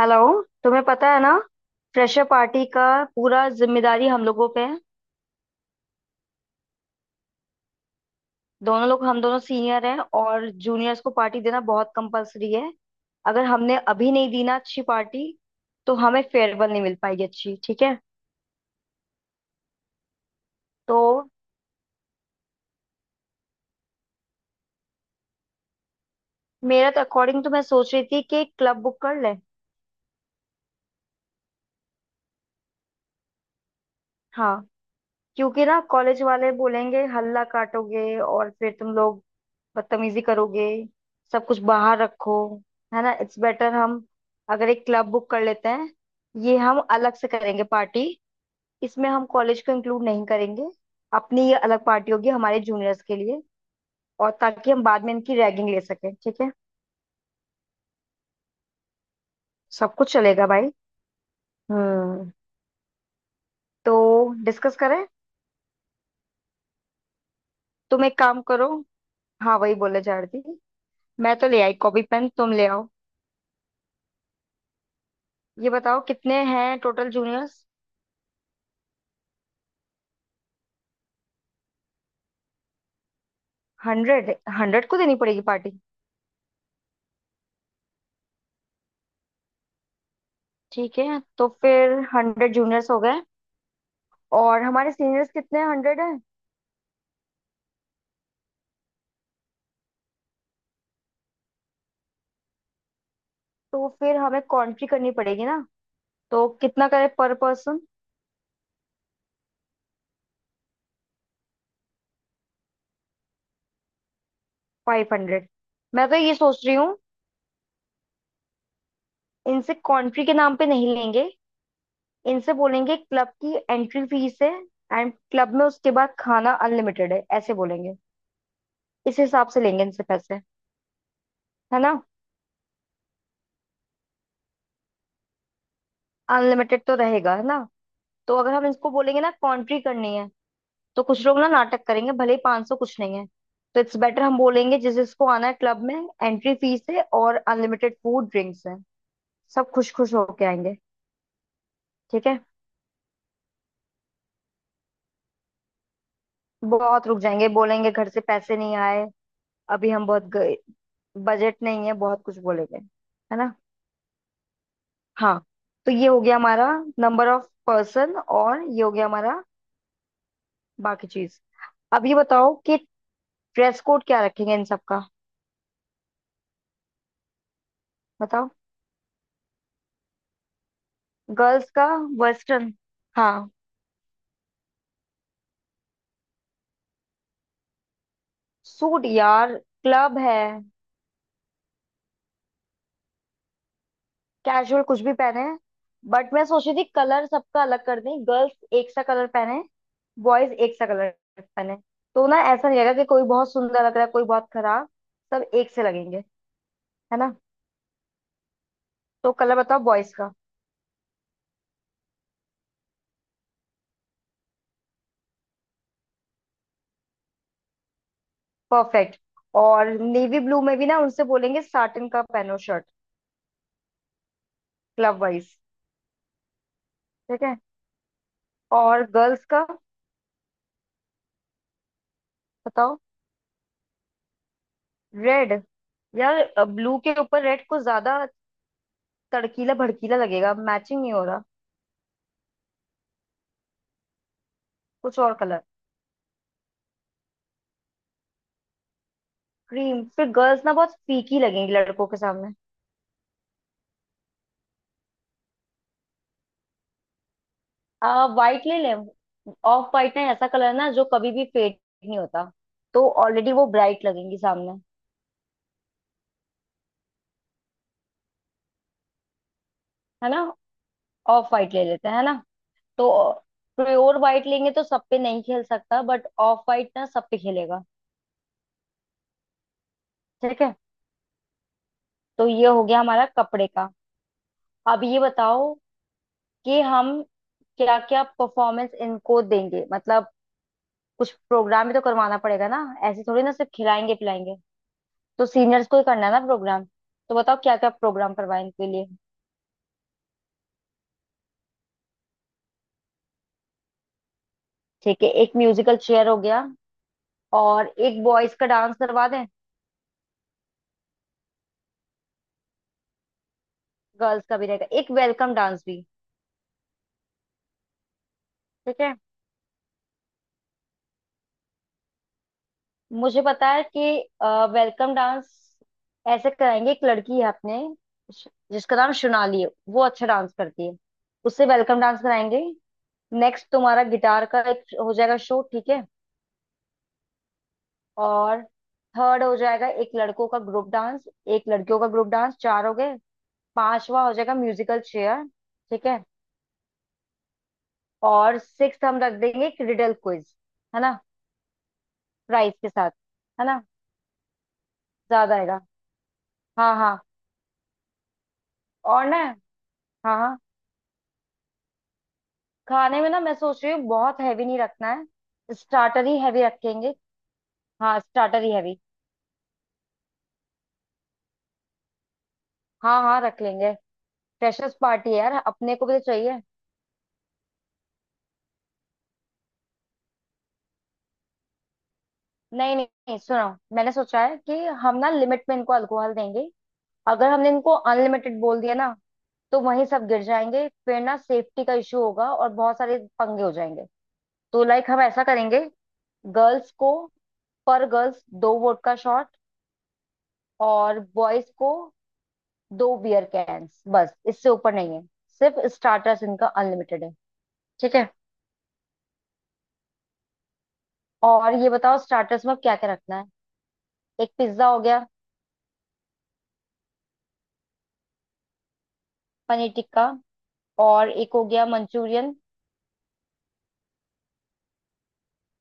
Hello. तुम्हें पता है ना फ्रेशर पार्टी का पूरा जिम्मेदारी हम लोगों पे है। दोनों लोग, हम दोनों सीनियर हैं और जूनियर्स को पार्टी देना बहुत कंपलसरी है। अगर हमने अभी नहीं दी ना अच्छी पार्टी, तो हमें फेयरवेल नहीं मिल पाएगी अच्छी। ठीक है तो मेरा तो अकॉर्डिंग तो मैं सोच रही थी कि एक क्लब बुक कर ले। हाँ, क्योंकि ना कॉलेज वाले बोलेंगे हल्ला काटोगे और फिर तुम लोग बदतमीजी करोगे, सब कुछ बाहर रखो। है ना, इट्स बेटर हम अगर एक क्लब बुक कर लेते हैं। ये हम अलग से करेंगे पार्टी, इसमें हम कॉलेज को इंक्लूड नहीं करेंगे। अपनी ये अलग पार्टी होगी हमारे जूनियर्स के लिए और ताकि हम बाद में इनकी रैगिंग ले सकें। ठीक है, सब कुछ चलेगा भाई। हम्म, तो डिस्कस करें। तुम एक काम करो, हाँ वही बोले जा रही थी, मैं तो ले आई कॉपी पेन, तुम ले आओ। ये बताओ कितने हैं टोटल जूनियर्स। 100, 100 को देनी पड़ेगी पार्टी। ठीक है तो फिर 100 जूनियर्स हो गए और हमारे सीनियर्स कितने, 100 हैं। तो फिर हमें कॉन्ट्री करनी पड़ेगी ना। तो कितना करें पर पर्सन। 500, मैं तो ये सोच रही हूँ, इनसे कॉन्ट्री के नाम पे नहीं लेंगे। इनसे बोलेंगे क्लब की एंट्री फीस है, एंड क्लब में उसके बाद खाना अनलिमिटेड है, ऐसे बोलेंगे। इस हिसाब से लेंगे इनसे पैसे, है ना। अनलिमिटेड तो रहेगा, है ना। तो अगर हम इसको बोलेंगे ना कॉन्ट्री करनी है, तो कुछ लोग ना नाटक करेंगे, भले ही 500 कुछ नहीं है। तो इट्स बेटर हम बोलेंगे जिस जिसको आना है क्लब में एंट्री फीस है और अनलिमिटेड फूड ड्रिंक्स है। सब खुश खुश होके आएंगे। ठीक है, बहुत रुक जाएंगे, बोलेंगे घर से पैसे नहीं आए, अभी हम बहुत बजट नहीं है, बहुत कुछ बोलेंगे, है ना। हाँ, तो ये हो गया हमारा नंबर ऑफ पर्सन और ये हो गया हमारा बाकी चीज। अब ये बताओ कि ड्रेस कोड क्या रखेंगे इन सब का, बताओ। गर्ल्स का वेस्टर्न, हाँ। सूट यार, क्लब है। कैजुअल कुछ भी पहने, बट मैं सोच रही थी कलर सबका अलग कर दें। गर्ल्स एक सा कलर पहने, बॉयज एक सा कलर पहने। तो ना ऐसा नहीं लगेगा कि कोई बहुत सुंदर लग रहा है कोई बहुत खराब, सब एक से लगेंगे, है ना। तो कलर बताओ बॉयज का। परफेक्ट, और नेवी ब्लू में भी ना उनसे बोलेंगे साटिन का पहनो शर्ट, क्लब वाइज। ठीक है, और गर्ल्स का बताओ। रेड, यार ब्लू के ऊपर रेड कुछ ज्यादा तड़कीला भड़कीला लगेगा, मैचिंग नहीं हो रहा, कुछ और कलर। क्रीम फिर गर्ल्स ना बहुत फीकी लगेंगी लड़कों के सामने। आ वाइट ले लें, ऑफ वाइट, ना ऐसा कलर ना जो कभी भी फेड नहीं होता। तो ऑलरेडी वो ब्राइट लगेंगी सामने, है ना। ऑफ वाइट ले लेते हैं, है ना। तो प्योर वाइट लेंगे तो सब पे नहीं खेल सकता, बट ऑफ वाइट ना सब पे खेलेगा। ठीक है, तो ये हो गया हमारा कपड़े का। अब ये बताओ कि हम क्या क्या परफॉर्मेंस इनको देंगे, मतलब कुछ प्रोग्राम भी तो करवाना पड़ेगा ना, ऐसे थोड़ी ना सिर्फ खिलाएंगे पिलाएंगे। तो सीनियर्स को ही करना है ना प्रोग्राम, तो बताओ क्या क्या प्रोग्राम करवाएं इनके लिए। ठीक है, एक म्यूजिकल चेयर हो गया और एक बॉयज का डांस करवा दें। गर्ल्स का भी रहेगा, एक वेलकम डांस भी। ठीक है, मुझे पता है कि वेलकम डांस ऐसे कराएंगे, एक लड़की है अपने जिसका नाम सोनाली है, वो अच्छा डांस करती है, उससे वेलकम डांस कराएंगे। नेक्स्ट तुम्हारा गिटार का एक हो जाएगा शो, ठीक है। और थर्ड हो जाएगा एक लड़कों का ग्रुप डांस, एक लड़कियों का ग्रुप डांस, चार हो गए। पांचवा हो जाएगा म्यूजिकल चेयर, ठीक है। और सिक्स हम रख देंगे एक रिडल क्विज, है ना, प्राइस के साथ, है ना, ज्यादा आएगा। हाँ हाँ, और ना। हाँ हाँ, खाने में ना मैं सोच रही हूँ बहुत हैवी नहीं रखना है, स्टार्टर ही हैवी रखेंगे। हाँ, स्टार्टर ही हैवी। हाँ हाँ रख लेंगे, फ्रेशर्स पार्टी है यार, अपने को भी तो चाहिए। नहीं नहीं नहीं, सुनो, मैंने सोचा है कि हम ना लिमिट में इनको अल्कोहल देंगे। अगर हमने इनको अनलिमिटेड बोल दिया ना, तो वहीं सब गिर जाएंगे फिर, ना सेफ्टी का इशू होगा और बहुत सारे पंगे हो जाएंगे। तो लाइक हम ऐसा करेंगे, गर्ल्स को, पर गर्ल्स 2 वोडका शॉट, और बॉयज को 2 बियर कैंस, बस इससे ऊपर नहीं है। सिर्फ स्टार्टर्स इनका अनलिमिटेड है, ठीक है। और ये बताओ स्टार्टर्स में क्या क्या रखना है। एक पिज्जा हो गया, पनीर टिक्का, और एक हो गया मंचूरियन,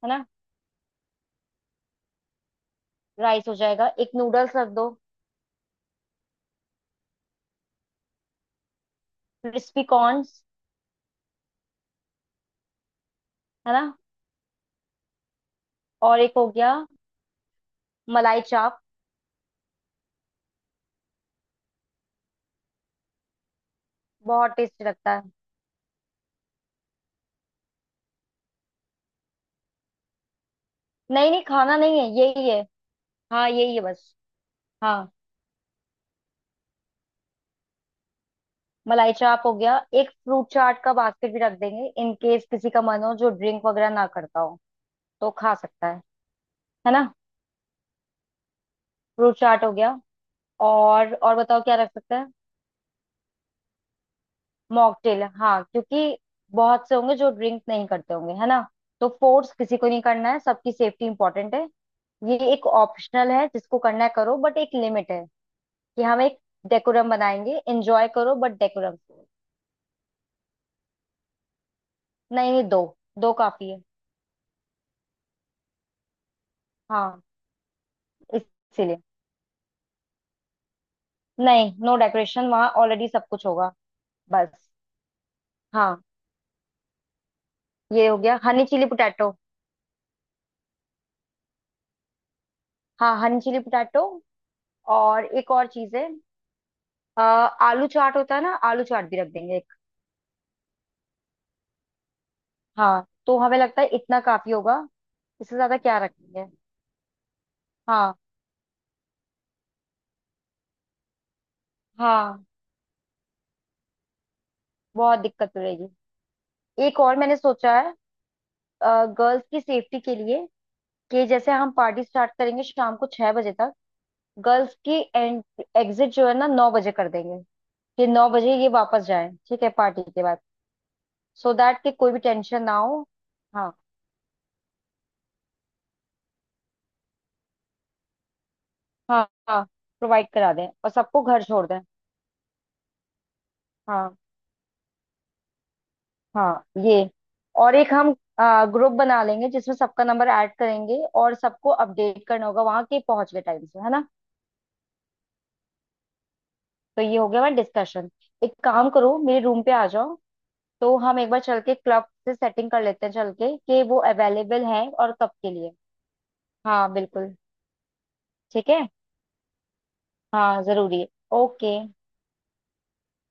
है ना। राइस हो जाएगा, एक नूडल्स रख दो, क्रिस्पी कॉर्न्स, है ना। और एक हो गया मलाई चाप, बहुत टेस्टी लगता है। नहीं नहीं खाना नहीं है, यही है। हाँ यही है बस। हाँ, मलाई चाप हो गया, एक फ्रूट चाट का बास्केट भी रख देंगे, इन केस किसी का मन हो जो ड्रिंक वगैरह ना करता हो तो खा सकता है ना। फ्रूट चाट हो गया, और बताओ क्या रख सकते हैं। मॉकटेल, हाँ, क्योंकि बहुत से होंगे जो ड्रिंक नहीं करते होंगे, है ना। तो फोर्स किसी को नहीं करना है, सबकी सेफ्टी इंपॉर्टेंट है। ये एक ऑप्शनल है, जिसको करना है करो, बट एक लिमिट है कि हम एक डेकोरम बनाएंगे, एंजॉय करो बट डेकोरम। नहीं नहीं, दो दो काफी है। हाँ, इसीलिए, नहीं, नो डेकोरेशन, वहाँ ऑलरेडी सब कुछ होगा, बस। हाँ, ये हो गया हनी चिली पोटैटो। हाँ हनी चिली पोटैटो, और एक और चीज है, अ, आलू चाट होता है ना, आलू चाट भी रख देंगे एक। हाँ, तो हमें लगता है इतना काफी होगा, इससे ज्यादा क्या रखेंगे। हाँ हाँ, बहुत दिक्कत हो रहेगी। एक और मैंने सोचा है, गर्ल्स की सेफ्टी के लिए, कि जैसे हम पार्टी स्टार्ट करेंगे शाम को 6 बजे तक, गर्ल्स की एंड एग्जिट जो है ना 9 बजे कर देंगे, कि 9 बजे ये वापस जाए, ठीक है, पार्टी के बाद, सो दैट कि कोई भी टेंशन ना हो। हाँ हाँ हाँ, प्रोवाइड करा दें और सबको घर छोड़ दें। हाँ हाँ ये, और एक हम ग्रुप बना लेंगे जिसमें सबका नंबर ऐड करेंगे और सबको अपडेट करना होगा वहां के पहुंच गए टाइम से, है ना। तो ये हो गया हमारा डिस्कशन, एक काम करो मेरे रूम पे आ जाओ, तो हम एक बार चल के क्लब से सेटिंग कर लेते हैं चल के कि वो अवेलेबल है और कब के लिए। हाँ बिल्कुल, ठीक है, हाँ जरूरी है। ओके।